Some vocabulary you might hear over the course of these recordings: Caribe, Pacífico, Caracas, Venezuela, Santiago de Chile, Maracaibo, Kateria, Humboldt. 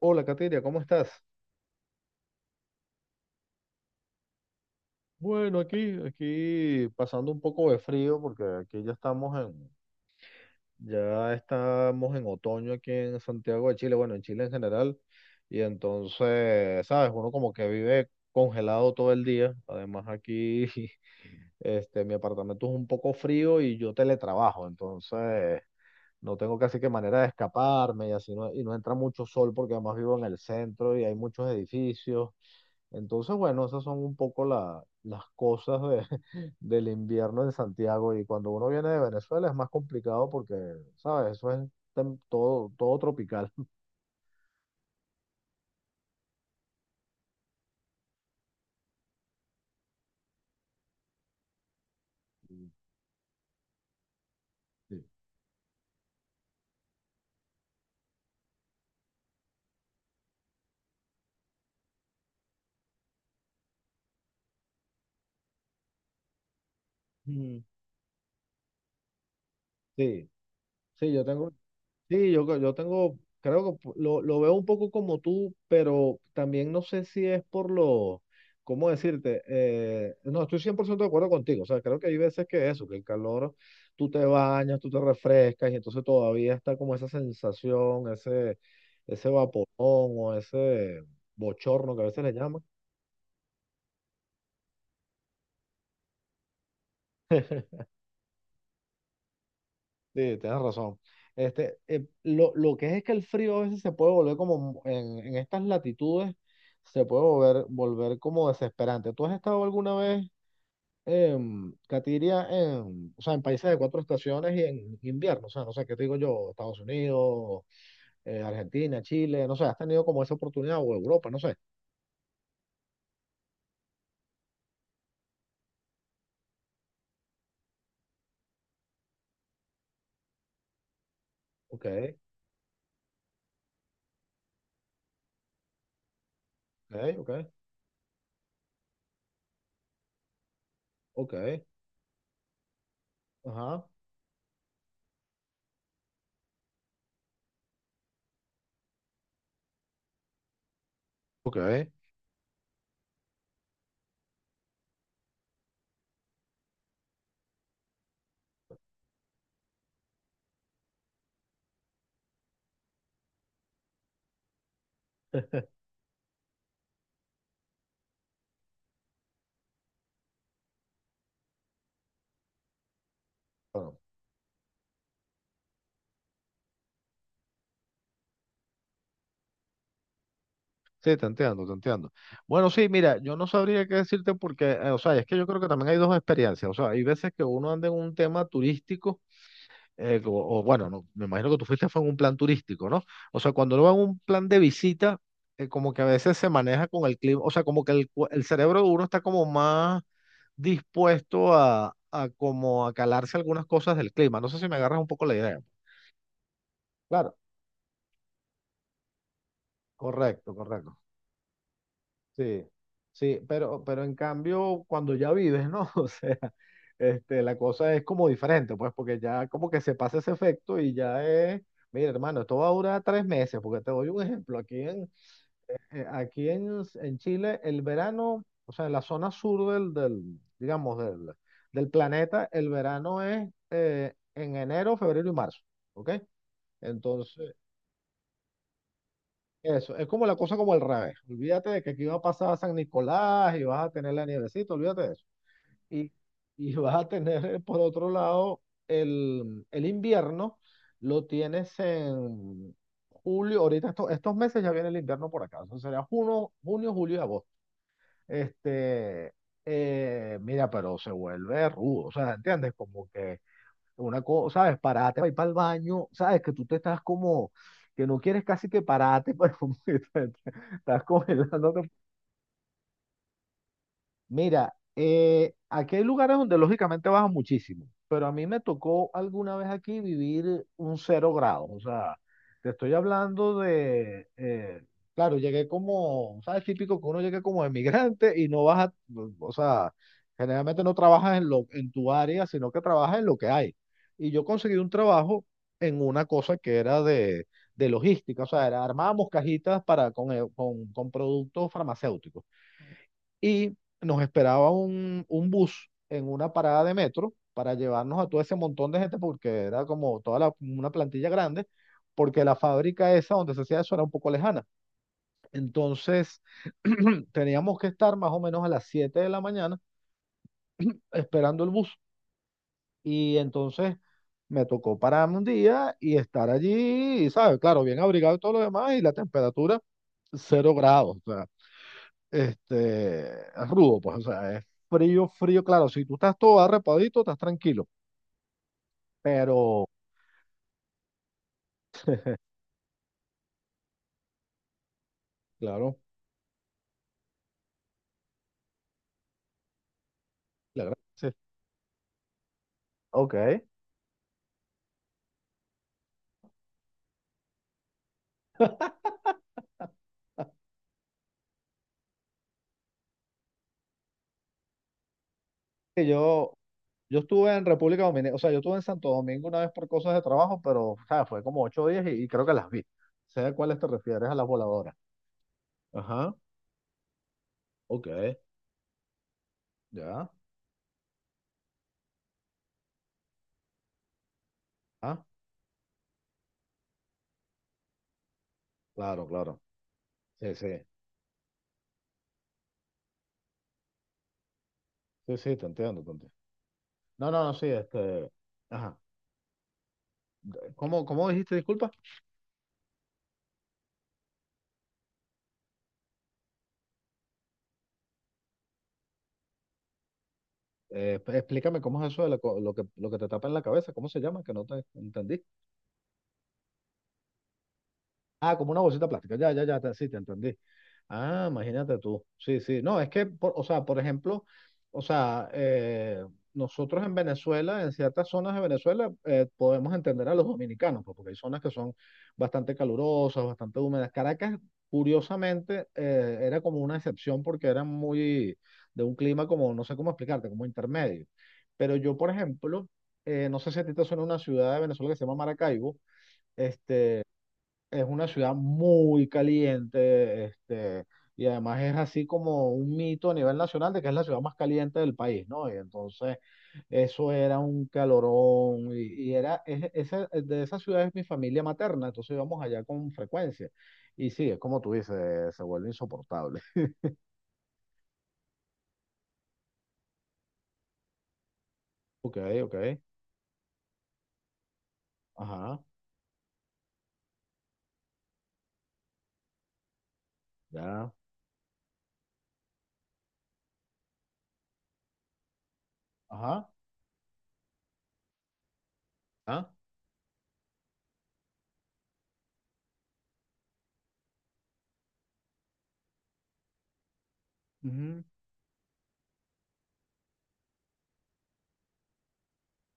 Hola, Kateria, ¿cómo estás? Bueno, aquí pasando un poco de frío porque aquí ya estamos en otoño aquí en Santiago de Chile, bueno, en Chile en general, y entonces, sabes, uno como que vive congelado todo el día. Además aquí, mi apartamento es un poco frío y yo teletrabajo, entonces no tengo casi que manera de escaparme y así no, y no entra mucho sol porque además vivo en el centro y hay muchos edificios. Entonces, bueno, esas son un poco las cosas del invierno en Santiago y cuando uno viene de Venezuela es más complicado porque, ¿sabes? Eso es todo, todo tropical. Sí. Mm. Sí, sí, yo tengo. Sí, yo, yo tengo, creo que lo veo un poco como tú, pero también no sé si es por lo, ¿cómo decirte? No, estoy 100% de acuerdo contigo, o sea, creo que hay veces que el calor, tú te bañas, tú te refrescas y entonces todavía está como esa sensación, ese vaporón o ese bochorno que a veces le llaman. Sí, tienes razón. Lo que es que el frío a veces se puede volver como en estas latitudes, se puede volver como desesperante. ¿Tú has estado alguna vez, en Katiria, o sea, en países de cuatro estaciones y en invierno? O sea, no sé, ¿qué te digo yo? Estados Unidos, Argentina, Chile, no sé, ¿has tenido como esa oportunidad o Europa, no sé? Ok, ok, ok, ok, ajá, ok. Bueno. Sí, te entiendo, te entiendo. Bueno, sí, mira, yo no sabría qué decirte porque, o sea, es que yo creo que también hay dos experiencias. O sea, hay veces que uno anda en un tema turístico, o bueno, no, me imagino que tú fuiste fue en un plan turístico, ¿no? O sea, cuando uno va en un plan de visita, como que a veces se maneja con el clima, o sea, como que el cerebro de uno está como más dispuesto a, como a calarse algunas cosas del clima. No sé si me agarras un poco la idea. Claro, correcto, correcto. Sí, sí, pero en cambio, cuando ya vives, ¿no? O sea, la cosa es como diferente, pues, porque ya como que se pasa ese efecto y ya es, mira, hermano, esto va a durar 3 meses, porque te doy un ejemplo, aquí en Chile, el verano, o sea, en la zona sur digamos del planeta, el verano es en enero, febrero y marzo, ¿ok? Entonces, eso, es como la cosa como el revés. Olvídate de que aquí va a pasar San Nicolás y vas a tener la nievecita, olvídate de eso. Y, y vas a tener, por otro lado, el invierno, lo tienes en julio, ahorita estos meses ya viene el invierno por acá, eso sería junio, julio y agosto. Este, mira, pero se vuelve rudo, o sea, ¿entiendes? Como que una cosa, ¿sabes? Parate para ir para el baño, ¿sabes? Que tú te estás como, que no quieres casi que parate, pero estás congelándote. Mira, aquí hay lugares donde lógicamente baja muchísimo, pero a mí me tocó alguna vez aquí vivir un 0 grado. O sea, te estoy hablando de, claro, llegué como, ¿sabes? Típico que uno llegue como emigrante y no baja, o sea, generalmente no trabajas en tu área, sino que trabajas en lo que hay. Y yo conseguí un trabajo en una cosa que era de logística, o sea, armábamos cajitas para, con productos farmacéuticos y nos esperaba un bus en una parada de metro para llevarnos a todo ese montón de gente porque era como toda una plantilla grande, porque la fábrica esa donde se hacía eso era un poco lejana. Entonces teníamos que estar más o menos a las 7 de la mañana esperando el bus y entonces me tocó pararme un día y estar allí, y, ¿sabes? Claro, bien abrigado y todo lo demás y la temperatura 0 grados. Es rudo, pues, o sea, es frío, frío, claro, si tú estás todo arrepadito, estás tranquilo, pero, claro, sí. Ok. Que yo estuve en República Dominicana, o sea, yo estuve en Santo Domingo una vez por cosas de trabajo, pero, o sea, fue como 8 días y creo que las vi. Sé a cuáles te refieres, a las voladoras. Ajá, ok, ya, ah, claro, claro, sí, sí, sí, sí, te entiendo, te entiendo. No, no, no, sí. Ajá. ¿Cómo dijiste, disculpa? Explícame cómo es eso de la co- lo que te tapa en la cabeza, ¿cómo se llama? Que no te entendí. Ah, como una bolsita plástica. Ya, ya, ya, sí, te entendí. Ah, imagínate tú. Sí, sí. No, es que, o sea, por ejemplo, o sea, nosotros en Venezuela, en ciertas zonas de Venezuela, podemos entender a los dominicanos, pues, porque hay zonas que son bastante calurosas, bastante húmedas. Caracas, curiosamente, era como una excepción porque era muy de un clima como, no sé cómo explicarte, como intermedio. Pero yo, por ejemplo, no sé si a ti te suena una ciudad de Venezuela que se llama Maracaibo. Es una ciudad muy caliente, y además es así como un mito a nivel nacional de que es la ciudad más caliente del país, ¿no? Y entonces eso era un calorón, y de esa ciudad es mi familia materna, entonces íbamos allá con frecuencia. Y sí, es como tú dices, se vuelve insoportable. Ok, ok, ajá, ya, ajá, ah, ujú.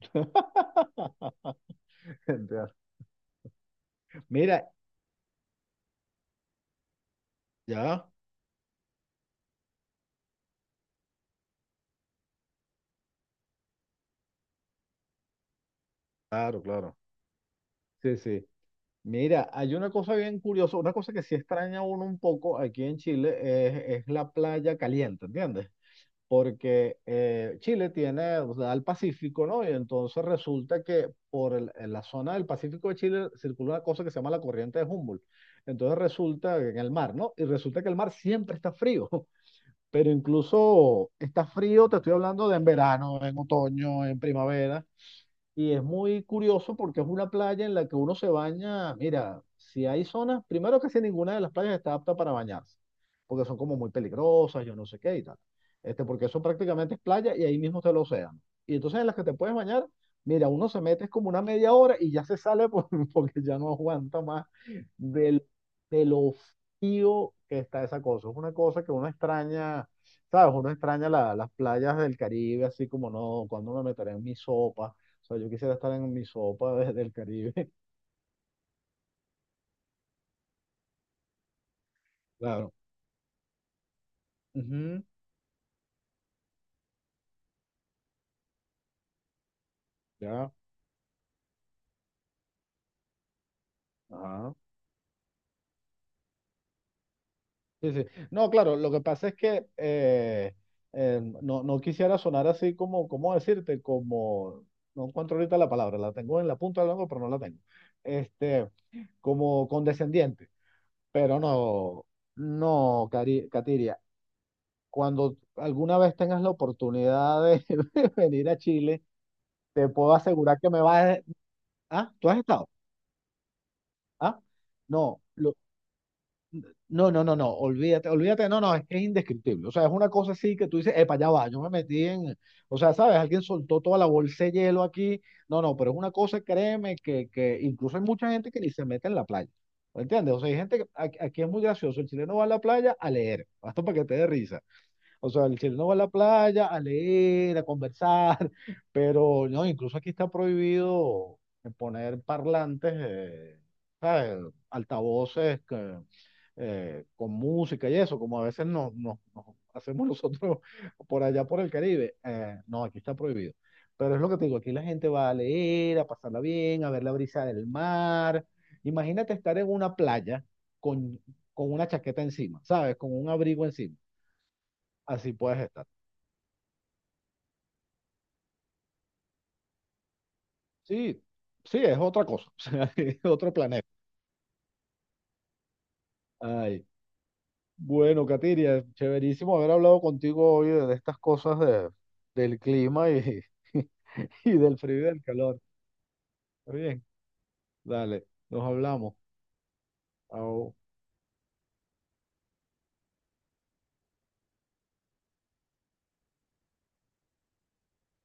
Entiendo. Mira, ya, claro, claro, sí, sí. Mira, hay una cosa bien curiosa, una cosa que sí extraña a uno un poco aquí en Chile es la playa caliente, ¿entiendes? Porque Chile tiene, o sea, el Pacífico, ¿no? Y entonces resulta que en la zona del Pacífico de Chile circula una cosa que se llama la corriente de Humboldt. Entonces resulta que en el mar, ¿no? Y resulta que el mar siempre está frío, pero incluso está frío, te estoy hablando de en verano, en otoño, en primavera. Y es muy curioso porque es una playa en la que uno se baña. Mira, si hay zonas, primero que si ninguna de las playas está apta para bañarse, porque son como muy peligrosas, yo no sé qué y tal. Porque eso prácticamente es playa y ahí mismo está el océano. Y entonces en las que te puedes bañar, mira, uno se mete es como una media hora y ya se sale porque ya no aguanta más del, de lo frío que está esa cosa. Es una cosa que uno extraña, ¿sabes? Uno extraña las playas del Caribe, así como no, cuando me meteré en mi sopa, o sea, yo quisiera estar en mi sopa desde el Caribe. Claro. Ujú, ya, ajá. Sí, sí. No, claro, lo que pasa es que no, no quisiera sonar así como, ¿cómo decirte? Como, no encuentro ahorita la palabra, la tengo en la punta del la lengua, pero no la tengo. Este, como condescendiente, pero no, no, Katiria, cuando alguna vez tengas la oportunidad de venir a Chile, te puedo asegurar que me vas a... Ah, ¿tú has estado? Ah, no. No, no, no, no, olvídate, olvídate, no, no, es que es indescriptible. O sea, es una cosa así que tú dices, epa, ya va, yo me metí en, o sea, ¿sabes? Alguien soltó toda la bolsa de hielo aquí. No, no, pero es una cosa, créeme, que incluso hay mucha gente que ni se mete en la playa. ¿Me ¿Entiendes? O sea, hay gente que aquí es muy gracioso. El chileno va a la playa a leer, hasta para que te dé risa. O sea, el chileno va a la playa a leer, a conversar, pero no, incluso aquí está prohibido poner parlantes, ¿sabes? Altavoces que con música y eso, como a veces nos hacemos nosotros por allá por el Caribe. No, aquí está prohibido. Pero es lo que te digo, aquí la gente va a leer, a pasarla bien, a ver la brisa del mar. Imagínate estar en una playa con, con, una chaqueta encima, ¿sabes? Con un abrigo encima. Así puedes estar. Sí, sí, es otra cosa, o sea, es otro planeta. Ay, bueno, Katiria, chéverísimo haber hablado contigo hoy de estas cosas del clima y del frío y del calor. Está bien, dale, nos hablamos. Au.